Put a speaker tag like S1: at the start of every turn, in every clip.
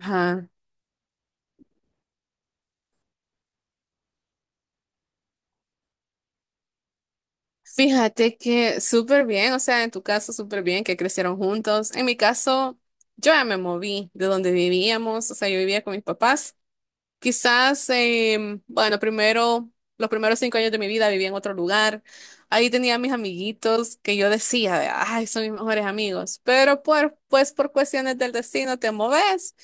S1: Ajá. Fíjate que súper bien, o sea, en tu caso súper bien que crecieron juntos. En mi caso, yo ya me moví de donde vivíamos, o sea, yo vivía con mis papás. Quizás, bueno, primero, los primeros 5 años de mi vida vivía en otro lugar. Ahí tenía mis amiguitos que yo decía, ay, son mis mejores amigos. Pero pues por cuestiones del destino te moves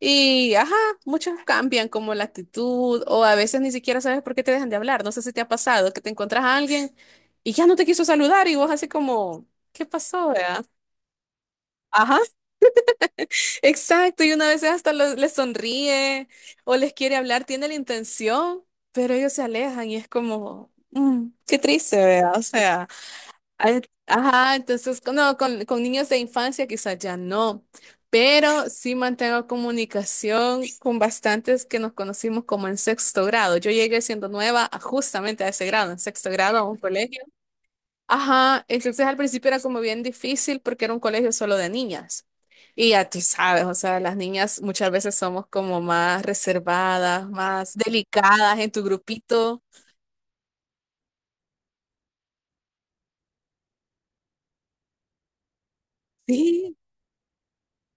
S1: y, ajá, muchos cambian como la actitud o a veces ni siquiera sabes por qué te dejan de hablar. No sé si te ha pasado que te encuentras a alguien y ya no te quiso saludar y vos así como, ¿qué pasó, vea? Ajá. Exacto, y una vez hasta les sonríe o les quiere hablar, tiene la intención, pero ellos se alejan y es como, qué triste, ¿verdad? O sea, hay- ajá, entonces, no, con niños de infancia quizás ya no, pero sí mantengo comunicación con bastantes que nos conocimos como en sexto grado. Yo llegué siendo nueva justamente a ese grado, en sexto grado a un colegio. Ajá, entonces al principio era como bien difícil porque era un colegio solo de niñas. Y ya tú sabes, o sea, las niñas muchas veces somos como más reservadas, más delicadas en tu grupito. Sí,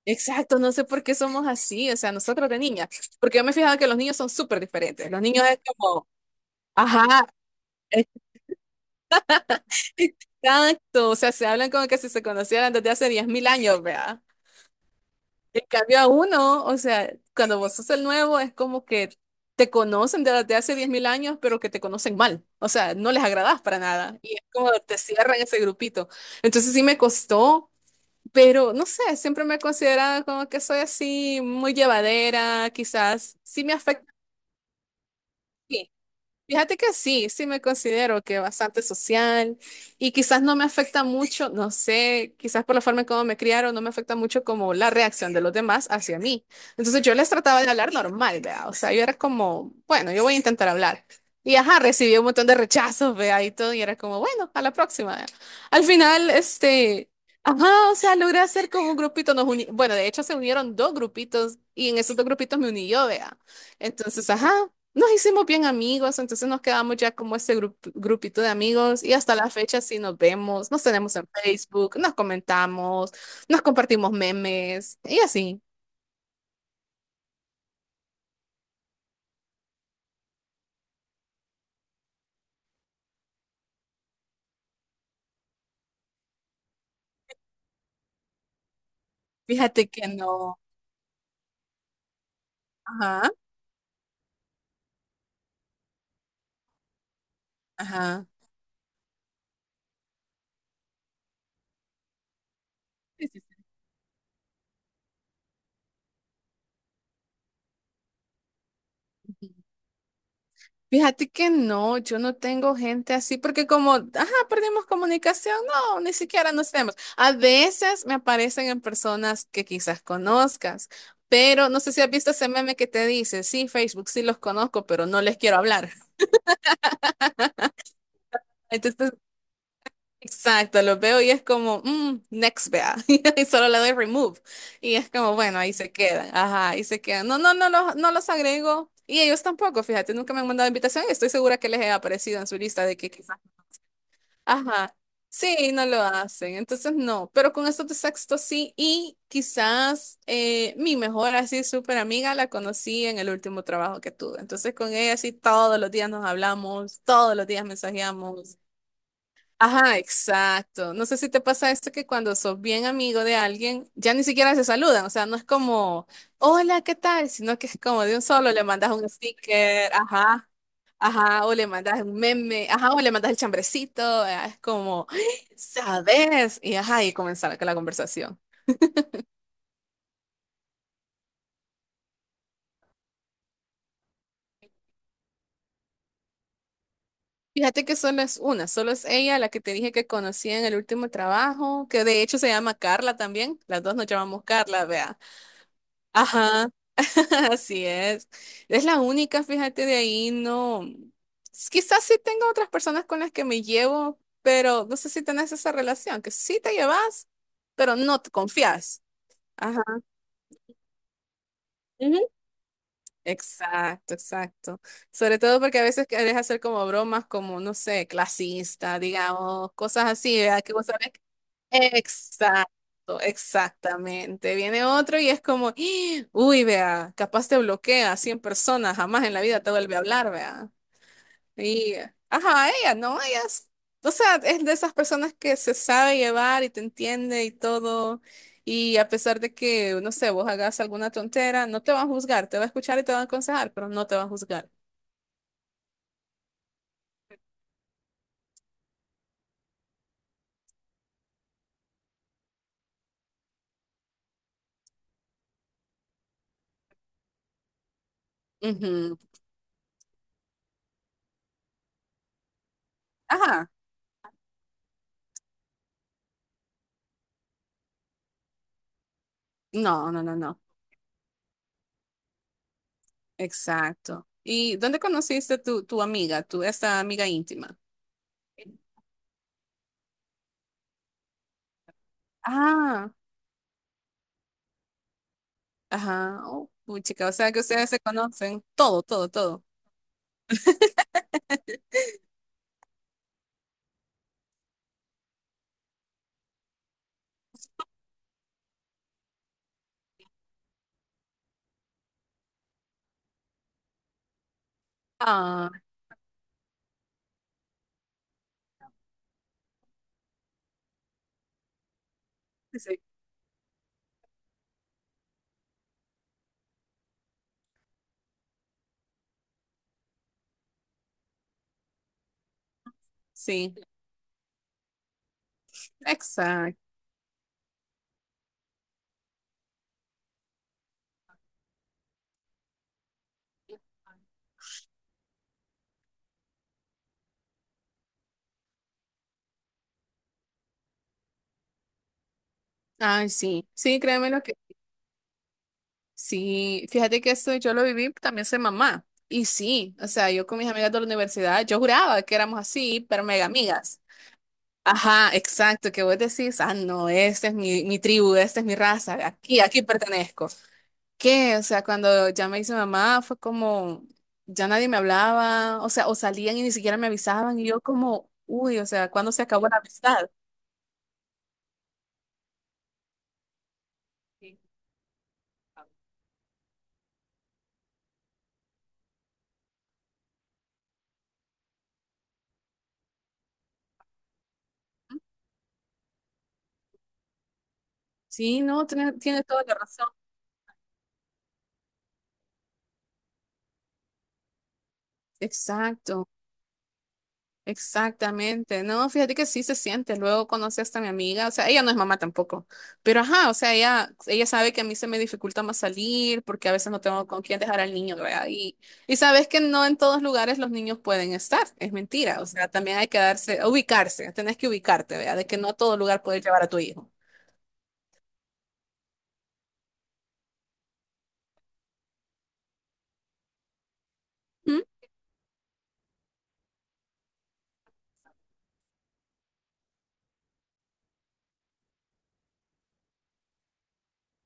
S1: exacto, no sé por qué somos así, o sea, nosotros de niñas, porque yo me he fijado que los niños son súper diferentes. Los niños es como, ajá, exacto, o sea, se hablan como que si se conocieran desde hace 10.000 años, ¿verdad? En cambio a uno, o sea, cuando vos sos el nuevo es como que te conocen desde hace 10.000 años, pero que te conocen mal. O sea, no les agradás para nada. Y es como te cierran ese grupito. Entonces sí me costó, pero no sé, siempre me he considerado como que soy así muy llevadera, quizás. Sí me afecta. Fíjate que sí, sí me considero que bastante social y quizás no me afecta mucho, no sé, quizás por la forma en cómo me criaron, no me afecta mucho como la reacción de los demás hacia mí. Entonces yo les trataba de hablar normal, ¿vea? O sea, yo era como, bueno, yo voy a intentar hablar. Y ajá, recibí un montón de rechazos, vea, y todo, y era como, bueno, a la próxima, vea. Al final, este, ajá, o sea, logré hacer como un grupito, bueno, de hecho se unieron dos grupitos y en esos dos grupitos me uní yo, vea. Entonces, ajá, nos hicimos bien amigos, entonces nos quedamos ya como ese grupito de amigos y hasta la fecha sí nos vemos, nos tenemos en Facebook, nos comentamos, nos compartimos memes y así. Fíjate que no. Ajá, ajá. Sí, sí, sí. Fíjate que no, yo no tengo gente así porque como, ajá, perdimos comunicación, no, ni siquiera nos vemos. A veces me aparecen en personas que quizás conozcas, pero no sé si has visto ese meme que te dice, sí, Facebook, sí los conozco, pero no les quiero hablar. Entonces exacto, lo veo y es como, "Mm, next, vea". Y solo le doy remove. Y es como, bueno, ahí se quedan. Ajá, ahí se quedan. No, no, no, no los agrego. Y ellos tampoco, fíjate, nunca me han mandado invitación y estoy segura que les he aparecido en su lista de que quizás. Ajá. Sí, no lo hacen. Entonces, no. Pero con estos de sexto sí. Y quizás mi mejor así súper amiga la conocí en el último trabajo que tuve. Entonces, con ella sí todos los días nos hablamos, todos los días mensajeamos. Ajá, exacto. No sé si te pasa esto que cuando sos bien amigo de alguien, ya ni siquiera se saludan. O sea, no es como, hola, ¿qué tal? Sino que es como de un solo, le mandas un sticker, ajá, ajá, o le mandas un meme, ajá, o le mandas el chambrecito. Ah, es como, ¿sabes? Y ajá, y comenzar con la conversación. Fíjate que solo es una, solo es ella la que te dije que conocí en el último trabajo, que de hecho se llama Carla también. Las dos nos llamamos Carla, vea. Ajá. Así es. Es la única, fíjate, de ahí no. Quizás sí tengo otras personas con las que me llevo, pero no sé si tenés esa relación, que sí te llevas, pero no te confías. Ajá. Ujú. Exacto, exacto. Sobre todo porque a veces querés hacer como bromas, como, no sé, clasista, digamos, cosas así, ¿verdad? Que vos. Exacto, exactamente. Viene otro y es como, "Ah, uy, vea, capaz te bloquea a 100 personas, jamás en la vida te vuelve a hablar, vea". Y, ajá, ella, ¿no? Ella es, o sea, es de esas personas que se sabe llevar y te entiende y todo. Y a pesar de que, no sé, vos hagas alguna tontera, no te va a juzgar, te va a escuchar y te va a aconsejar, pero no te va a juzgar. Ujú. Ajá. No, no, no, no. Exacto. ¿Y dónde conociste tu, amiga, tu esta amiga íntima? Ah, ajá. Oh, puchica, o sea que ustedes se conocen. Todo, todo, todo. Ah, sí. Sí, exacto. Ay, sí. Sí, créeme lo que. Sí, fíjate que esto yo lo viví, también soy mamá. Y sí, o sea, yo con mis amigas de la universidad, yo juraba que éramos así, pero mega amigas. Ajá, exacto, que vos decís, ah, no, esta es mi tribu, esta es mi raza, aquí, aquí pertenezco. Que, o sea, cuando ya me hice mamá fue como, ya nadie me hablaba, o sea, o salían y ni siquiera me avisaban y yo como, uy, o sea, ¿cuándo se acabó la amistad? Sí, no, tienes toda la razón. Exacto. Exactamente, no, fíjate que sí se siente, luego conocí hasta a mi amiga, o sea, ella no es mamá tampoco, pero ajá, o sea, ella sabe que a mí se me dificulta más salir porque a veces no tengo con quién dejar al niño, ¿verdad? Y sabes que no en todos lugares los niños pueden estar, es mentira, o sea, también hay que darse, ubicarse, tenés que ubicarte, ¿verdad? De que no a todo lugar puedes llevar a tu hijo. ¿Mm?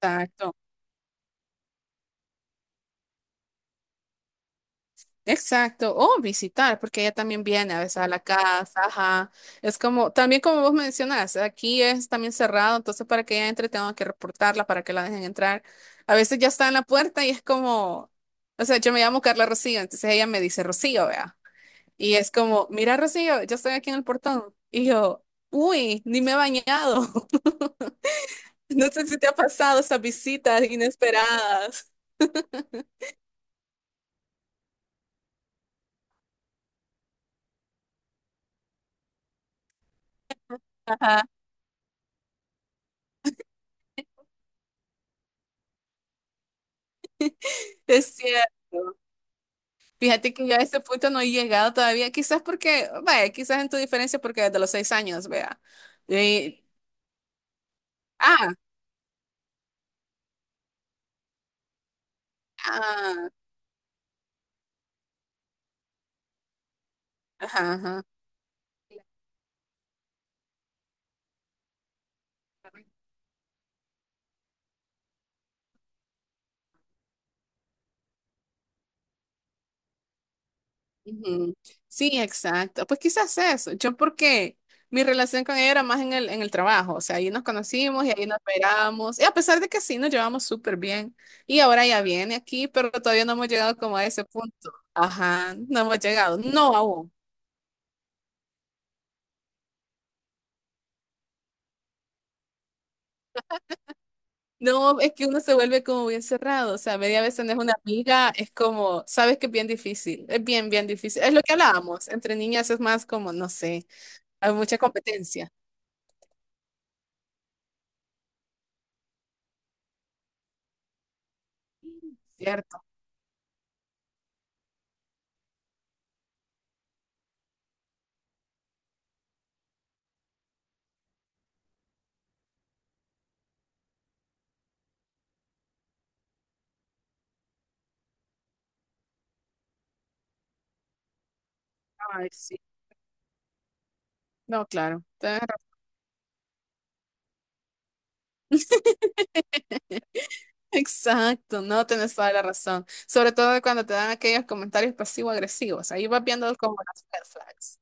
S1: Exacto. Exacto, o visitar, porque ella también viene a veces a la casa, ajá. Es como, también como vos mencionas, aquí es también cerrado, entonces para que ella entre tengo que reportarla para que la dejen entrar. A veces ya está en la puerta y es como, o sea, yo me llamo Carla Rocío, entonces ella me dice Rocío, vea. Y es como, mira Rocío, yo estoy aquí en el portón. Y yo, uy, ni me he bañado. No sé si te ha pasado esas visitas inesperadas. Ajá, es cierto. Fíjate que yo a este punto no he llegado todavía, quizás porque, vaya, quizás en tu diferencia porque desde los 6 años, vea. Y- ah, ah, ajá, ajá. Ujú. Sí, exacto. Pues quizás eso. Yo porque mi relación con ella era más en el trabajo, o sea, ahí nos conocimos y ahí nos esperamos. Y a pesar de que sí, nos llevamos súper bien. Y ahora ya viene aquí, pero todavía no hemos llegado como a ese punto. Ajá, no hemos llegado. No aún. No, es que uno se vuelve como bien cerrado, o sea, media vez tenés una amiga, es como, sabes que es bien difícil, es bien, bien difícil. Es lo que hablábamos, entre niñas es más como, no sé, hay mucha competencia. Cierto, ay, sí. No, claro. Tenés razón. Exacto, no tenés toda la razón. Sobre todo cuando te dan aquellos comentarios pasivo-agresivos. Ahí vas viendo como las red flags.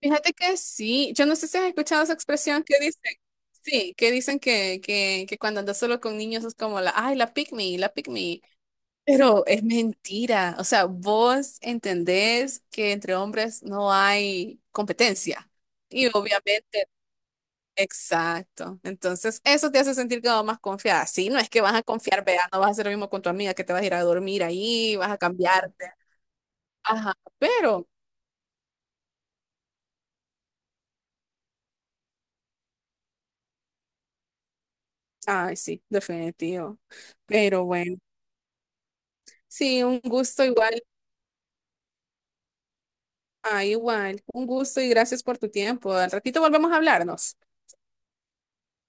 S1: Fíjate que sí. Yo no sé si has escuchado esa expresión que dicen. Sí, que dicen que cuando andas solo con niños es como la, ay, la pick me, la pick me. Pero es mentira. O sea, vos entendés que entre hombres no hay competencia. Y obviamente, exacto. Entonces, eso te hace sentir como más confiada. Sí, no es que vas a confiar, vea, no vas a hacer lo mismo con tu amiga que te vas a ir a dormir ahí, vas a cambiarte. Ajá, pero, ay, sí, definitivo. Pero bueno, sí, un gusto igual. Ah, igual. Un gusto y gracias por tu tiempo. Al ratito volvemos a hablarnos.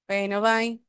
S1: Bueno, bye.